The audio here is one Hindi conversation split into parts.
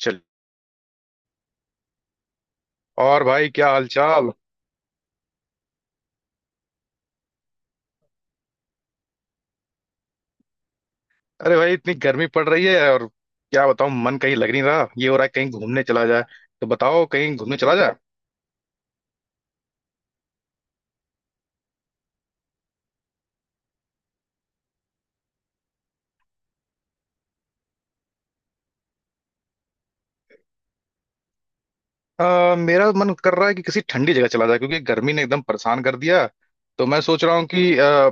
चल। और भाई क्या हालचाल? अरे भाई इतनी गर्मी पड़ रही है और क्या बताऊं मन कहीं लग नहीं रहा ये हो रहा है कहीं घूमने चला जाए। तो बताओ कहीं घूमने चला जाए। मेरा मन कर रहा है कि किसी ठंडी जगह चला जाए क्योंकि गर्मी ने एकदम परेशान कर दिया। तो मैं सोच रहा हूँ कि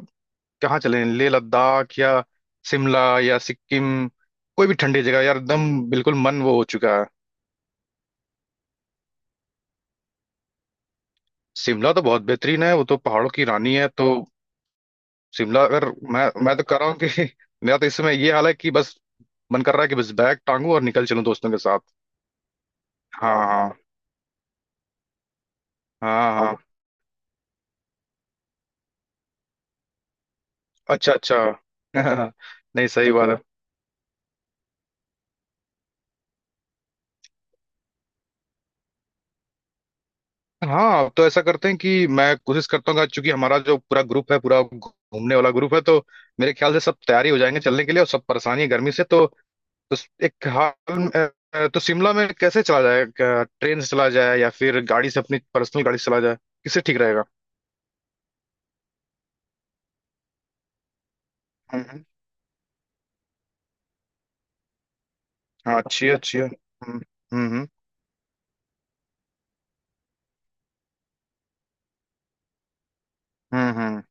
कहाँ चलें लेह लद्दाख या शिमला या सिक्किम। कोई भी ठंडी जगह यार एकदम बिल्कुल मन वो हो चुका है। शिमला तो बहुत बेहतरीन है वो तो पहाड़ों की रानी है तो शिमला अगर मैं तो कर रहा हूँ कि मेरा तो इस समय ये हाल है कि बस मन कर रहा है कि बस बैग टांगू और निकल चलूं दोस्तों के साथ। हाँ हाँ। हाँ हाँ। अच्छा अच्छा। नहीं सही बात है। हाँ तो ऐसा करते हैं कि मैं कोशिश करता हूँ क्योंकि हमारा जो पूरा ग्रुप है पूरा घूमने वाला ग्रुप है तो मेरे ख्याल से सब तैयारी हो जाएंगे चलने के लिए और सब परेशानी है गर्मी से तो एक हाल। तो शिमला में कैसे चला जाए क्या ट्रेन से चला जाए या फिर गाड़ी से अपनी पर्सनल गाड़ी से चला जाए? किससे ठीक रहेगा? हाँ अच्छी है, बताइए अच्छी है। हम्म। हम्म। हम्म।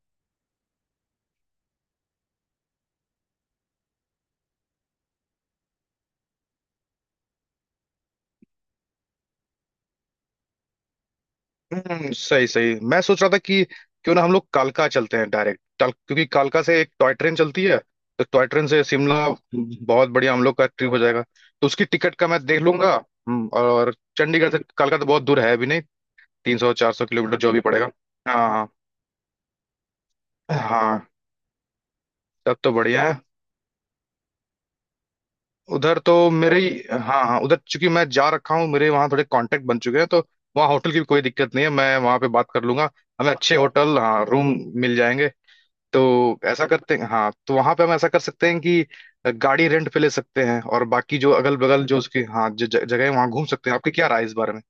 हम्म। सही सही मैं सोच रहा था कि क्यों ना हम लोग कालका चलते हैं डायरेक्ट क्योंकि कालका से एक टॉय ट्रेन चलती है। तो टॉय ट्रेन से शिमला बहुत बढ़िया हम लोग का ट्रिप हो जाएगा। तो उसकी टिकट का मैं देख लूंगा। और चंडीगढ़ से कालका तो बहुत दूर है भी नहीं। 300 400 किलोमीटर जो भी पड़ेगा। हाँ। हाँ हाँ। तब तो बढ़िया है। उधर तो मेरे ही हाँ हाँ उधर चूंकि मैं जा रखा हूँ मेरे वहाँ थोड़े कांटेक्ट बन चुके हैं तो वहाँ होटल की भी कोई दिक्कत नहीं है मैं वहाँ पे बात कर लूंगा। हमें अच्छे होटल हाँ रूम मिल जाएंगे। तो ऐसा करते हैं हाँ तो वहाँ पे हम ऐसा कर सकते हैं कि गाड़ी रेंट पे ले सकते हैं और बाकी जो अगल बगल जो उसकी हाँ जो जगह है वहाँ घूम सकते हैं आपकी क्या राय है इस बारे में?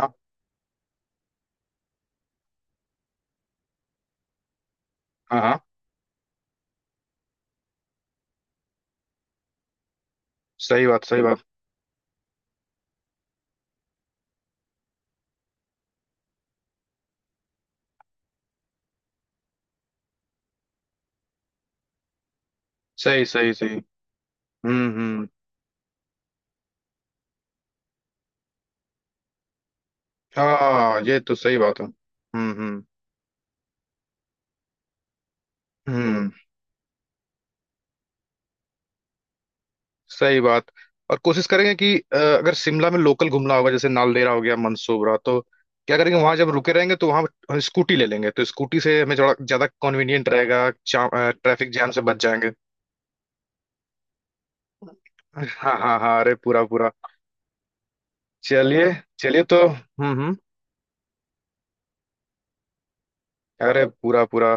हाँ हाँ हाँ। सही बात सही बात। सही सही सही। हम्म। हाँ ये तो सही बात है। हम्म। हम्म। सही बात। और कोशिश करेंगे कि अगर शिमला में लोकल घूमना होगा जैसे नालदेहरा हो गया मंसूबरा तो क्या करेंगे वहां जब रुके रहेंगे तो वहां स्कूटी ले लेंगे तो स्कूटी से हमें थोड़ा ज्यादा कन्वीनियंट रहेगा। ट्रैफिक जाम से बच जाएंगे। हाँ हाँ हाँ अरे पूरा पूरा। चलिए। चलिए तो हम्म। अरे पूरा पूरा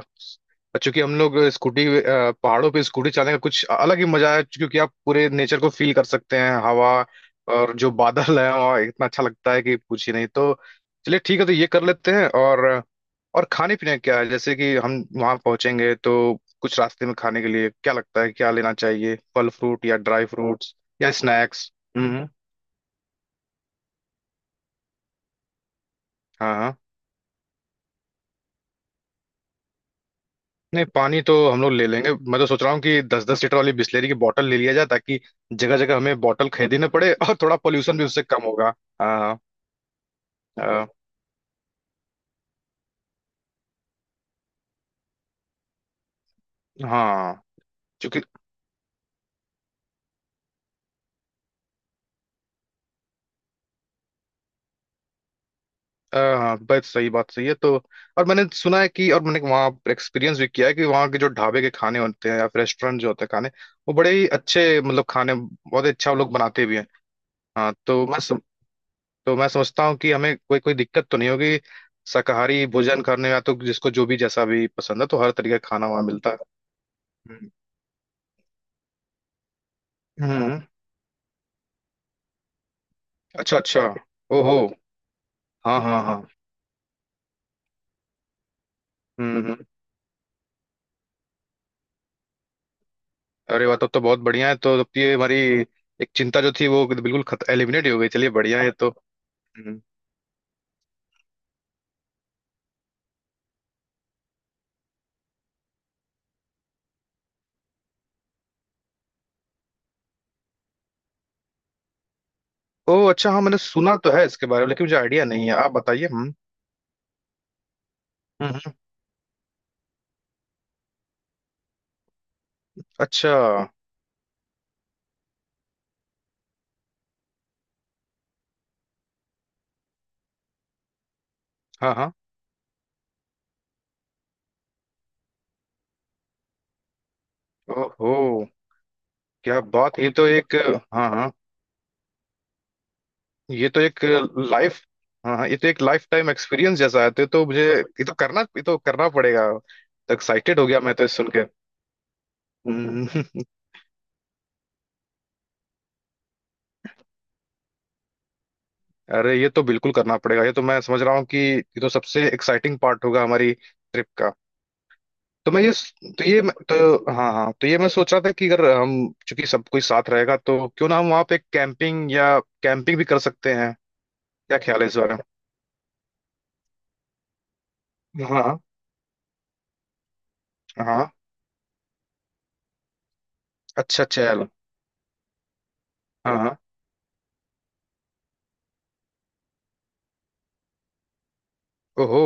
और चूंकि हम लोग स्कूटी पहाड़ों पे स्कूटी चलाने का कुछ अलग ही मजा है क्योंकि आप पूरे नेचर को फील कर सकते हैं हवा और जो बादल है और इतना अच्छा लगता है कि पूछ ही नहीं। तो चलिए ठीक है तो ये कर लेते हैं। और खाने पीने क्या है जैसे कि हम वहां पहुंचेंगे तो कुछ रास्ते में खाने के लिए क्या लगता है क्या लेना चाहिए फल फ्रूट या ड्राई फ्रूट्स या स्नैक्स? हम्म। हाँ नहीं पानी तो हम लोग ले लेंगे मैं तो सोच रहा हूँ कि 10 10 लीटर वाली बिस्लेरी की बोतल ले लिया जाए ताकि जगह जगह हमें बोतल खरीदने पड़े और थोड़ा पोल्यूशन भी उससे कम होगा। आ, आ, हाँ क्योंकि हाँ बस सही बात सही है। तो और मैंने सुना है कि और मैंने वहाँ एक्सपीरियंस भी किया है कि वहाँ के जो ढाबे के खाने होते हैं या फिर रेस्टोरेंट जो होते हैं खाने वो बड़े ही अच्छे मतलब खाने बहुत ही अच्छा वो लोग बनाते भी हैं। हाँ तो मैं सोचता हूँ कि हमें कोई कोई दिक्कत तो नहीं होगी शाकाहारी भोजन करने में या तो जिसको जो भी जैसा भी पसंद है तो हर तरीके का खाना वहाँ मिलता है। हम्म हम्म, अच्छा अच्छा। ओहो। हाँ हाँ हाँ। हम्म हम्म। अरे वाह तब तो बहुत बढ़िया है तो अब ये हमारी एक चिंता जो थी वो बिल्कुल खत एलिमिनेट हो गई चलिए बढ़िया है ये तो। हम्म। ओह अच्छा हाँ मैंने सुना तो है इसके बारे में लेकिन मुझे आइडिया नहीं है आप बताइए। हम्म। हम्म, अच्छा। हाँ हाँ। ओहो। क्या बात ये तो एक हाँ हाँ ये तो एक लाइफ। हाँ हाँ ये तो एक लाइफ टाइम एक्सपीरियंस जैसा है तो मुझे ये तो करना पड़ेगा। एक्साइटेड हो गया मैं तो इस सुन के। हम्म। अरे ये तो बिल्कुल करना पड़ेगा ये तो मैं समझ रहा हूँ कि ये तो सबसे एक्साइटिंग पार्ट होगा हमारी ट्रिप का। तो मैं ये तो ये तो हाँ हाँ तो ये मैं सोच रहा था कि अगर हम चूंकि सब कोई साथ रहेगा तो क्यों ना हम वहाँ पे कैंपिंग या कैंपिंग भी कर सकते हैं क्या ख्याल है इस बारे में? हाँ हाँ। अच्छा अच्छा यार। हाँ हाँ। ओहो।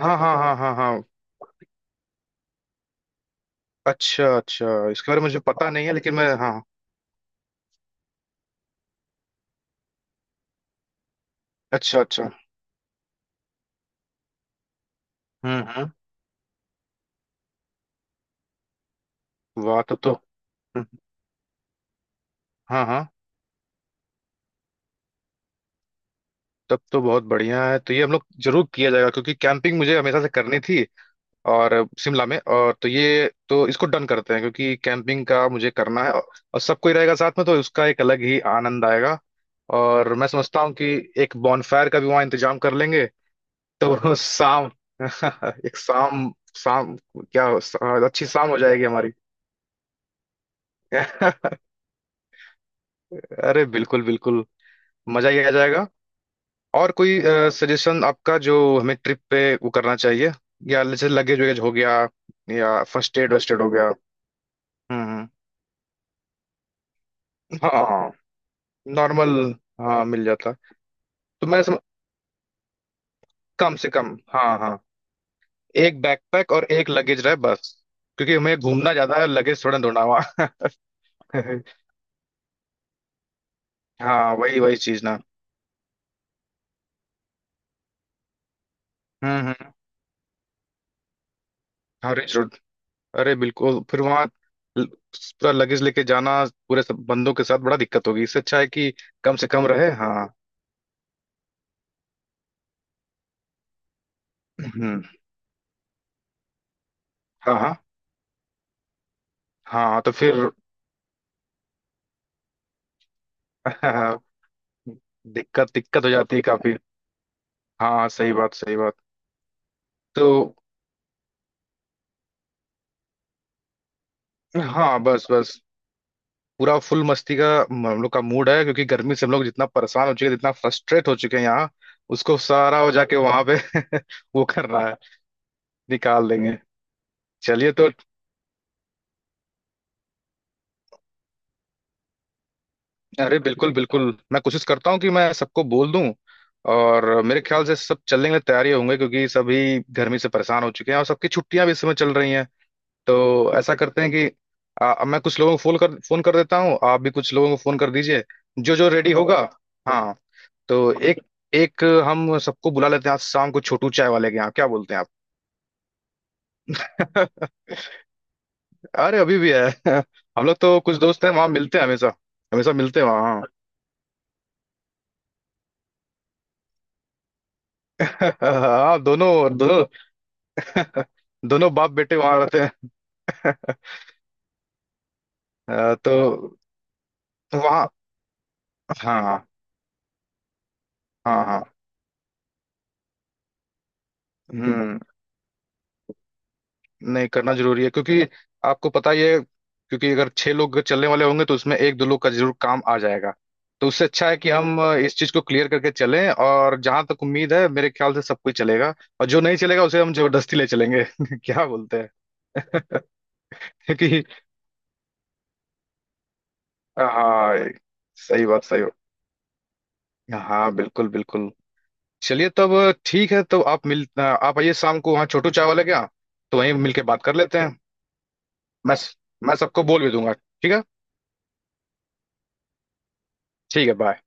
हाँ हाँ हाँ हाँ हाँ। अच्छा अच्छा इसके बारे में मुझे पता नहीं है लेकिन मैं हाँ अच्छा अच्छा। हम्म। वाह तब तो हम्म, हाँ हाँ तब तो बहुत बढ़िया है तो ये हम लोग जरूर किया जाएगा क्योंकि कैंपिंग मुझे हमेशा से करनी थी और शिमला में और तो ये तो इसको डन करते हैं क्योंकि कैंपिंग का मुझे करना है और सब कोई रहेगा साथ में तो उसका एक अलग ही आनंद आएगा। और मैं समझता हूँ कि एक बॉनफायर का भी वहाँ इंतजाम कर लेंगे। तो शाम एक शाम शाम क्या अच्छी शाम हो जाएगी हमारी। अरे बिल्कुल बिल्कुल मजा ही आ जाएगा। और कोई सजेशन आपका जो हमें ट्रिप पे वो करना चाहिए या जैसे लगेज वगैरह हो गया या फर्स्ट एड वर्स्ट एड हो गया? हम्म। हाँ नॉर्मल। हाँ मिल जाता। तो कम से कम हाँ हाँ एक बैकपैक और एक लगेज रहे बस क्योंकि हमें घूमना ज्यादा है लगेज थोड़ा ढूंढा हुआ। हाँ वही वही चीज ना। हम्म। हाँ रिच। अरे बिल्कुल फिर वहाँ पूरा लगेज लेके जाना पूरे सब बंदों के साथ बड़ा दिक्कत होगी इससे अच्छा है कि कम से कम रहे हाँ। हम्म, हाँ हाँ। हाँ तो फिर दिक्कत दिक्कत हो जाती है काफी। हाँ सही बात सही बात। तो हाँ बस बस पूरा फुल मस्ती का हम लोग का मूड है क्योंकि गर्मी से हम लोग जितना परेशान हो चुके हैं जितना फ्रस्ट्रेट हो चुके हैं यहाँ उसको सारा हो जाके वहां पे वो करना है। निकाल देंगे। चलिए तो अरे बिल्कुल बिल्कुल मैं कोशिश करता हूँ कि मैं सबको बोल दूं। और मेरे ख्याल से सब चलने के लिए तैयार ही होंगे क्योंकि सभी गर्मी से परेशान हो चुके हैं और सबकी छुट्टियां भी इस समय चल रही हैं। तो ऐसा करते हैं कि मैं कुछ लोगों को फोन कर देता हूँ आप भी कुछ लोगों को फोन कर दीजिए जो जो रेडी होगा। हाँ तो एक एक हम सबको बुला लेते हैं आज शाम को छोटू चाय वाले के यहाँ क्या बोलते हैं? आप अरे अभी भी है हम लोग तो कुछ दोस्त हैं वहाँ मिलते हैं हमेशा। हमेशा मिलते हैं वहाँ हाँ। हाँ, दोनों दोनों दोनों बाप बेटे वहां रहते हैं। तो वहाँ हाँ हाँ हाँ। हम्म। नहीं करना जरूरी है क्योंकि आपको पता ही है क्योंकि अगर 6 लोग चलने वाले होंगे तो उसमें एक दो लोग का जरूर काम आ जाएगा। तो उससे अच्छा है कि हम इस चीज को क्लियर करके चलें और जहां तक उम्मीद है मेरे ख्याल से सब कोई चलेगा। और जो नहीं चलेगा उसे हम जबरदस्ती ले चलेंगे क्या बोलते हैं? क्योंकि हाँ सही बात सही बात। हाँ बिल्कुल बिल्कुल। चलिए तब ठीक है तो आप मिल आप आइए शाम को वहाँ छोटू चाय वाले के यहाँ। तो वहीं मिलके बात कर लेते हैं। मैं मैं सबको बोल भी दूंगा ठीक है। ठीक है बाय।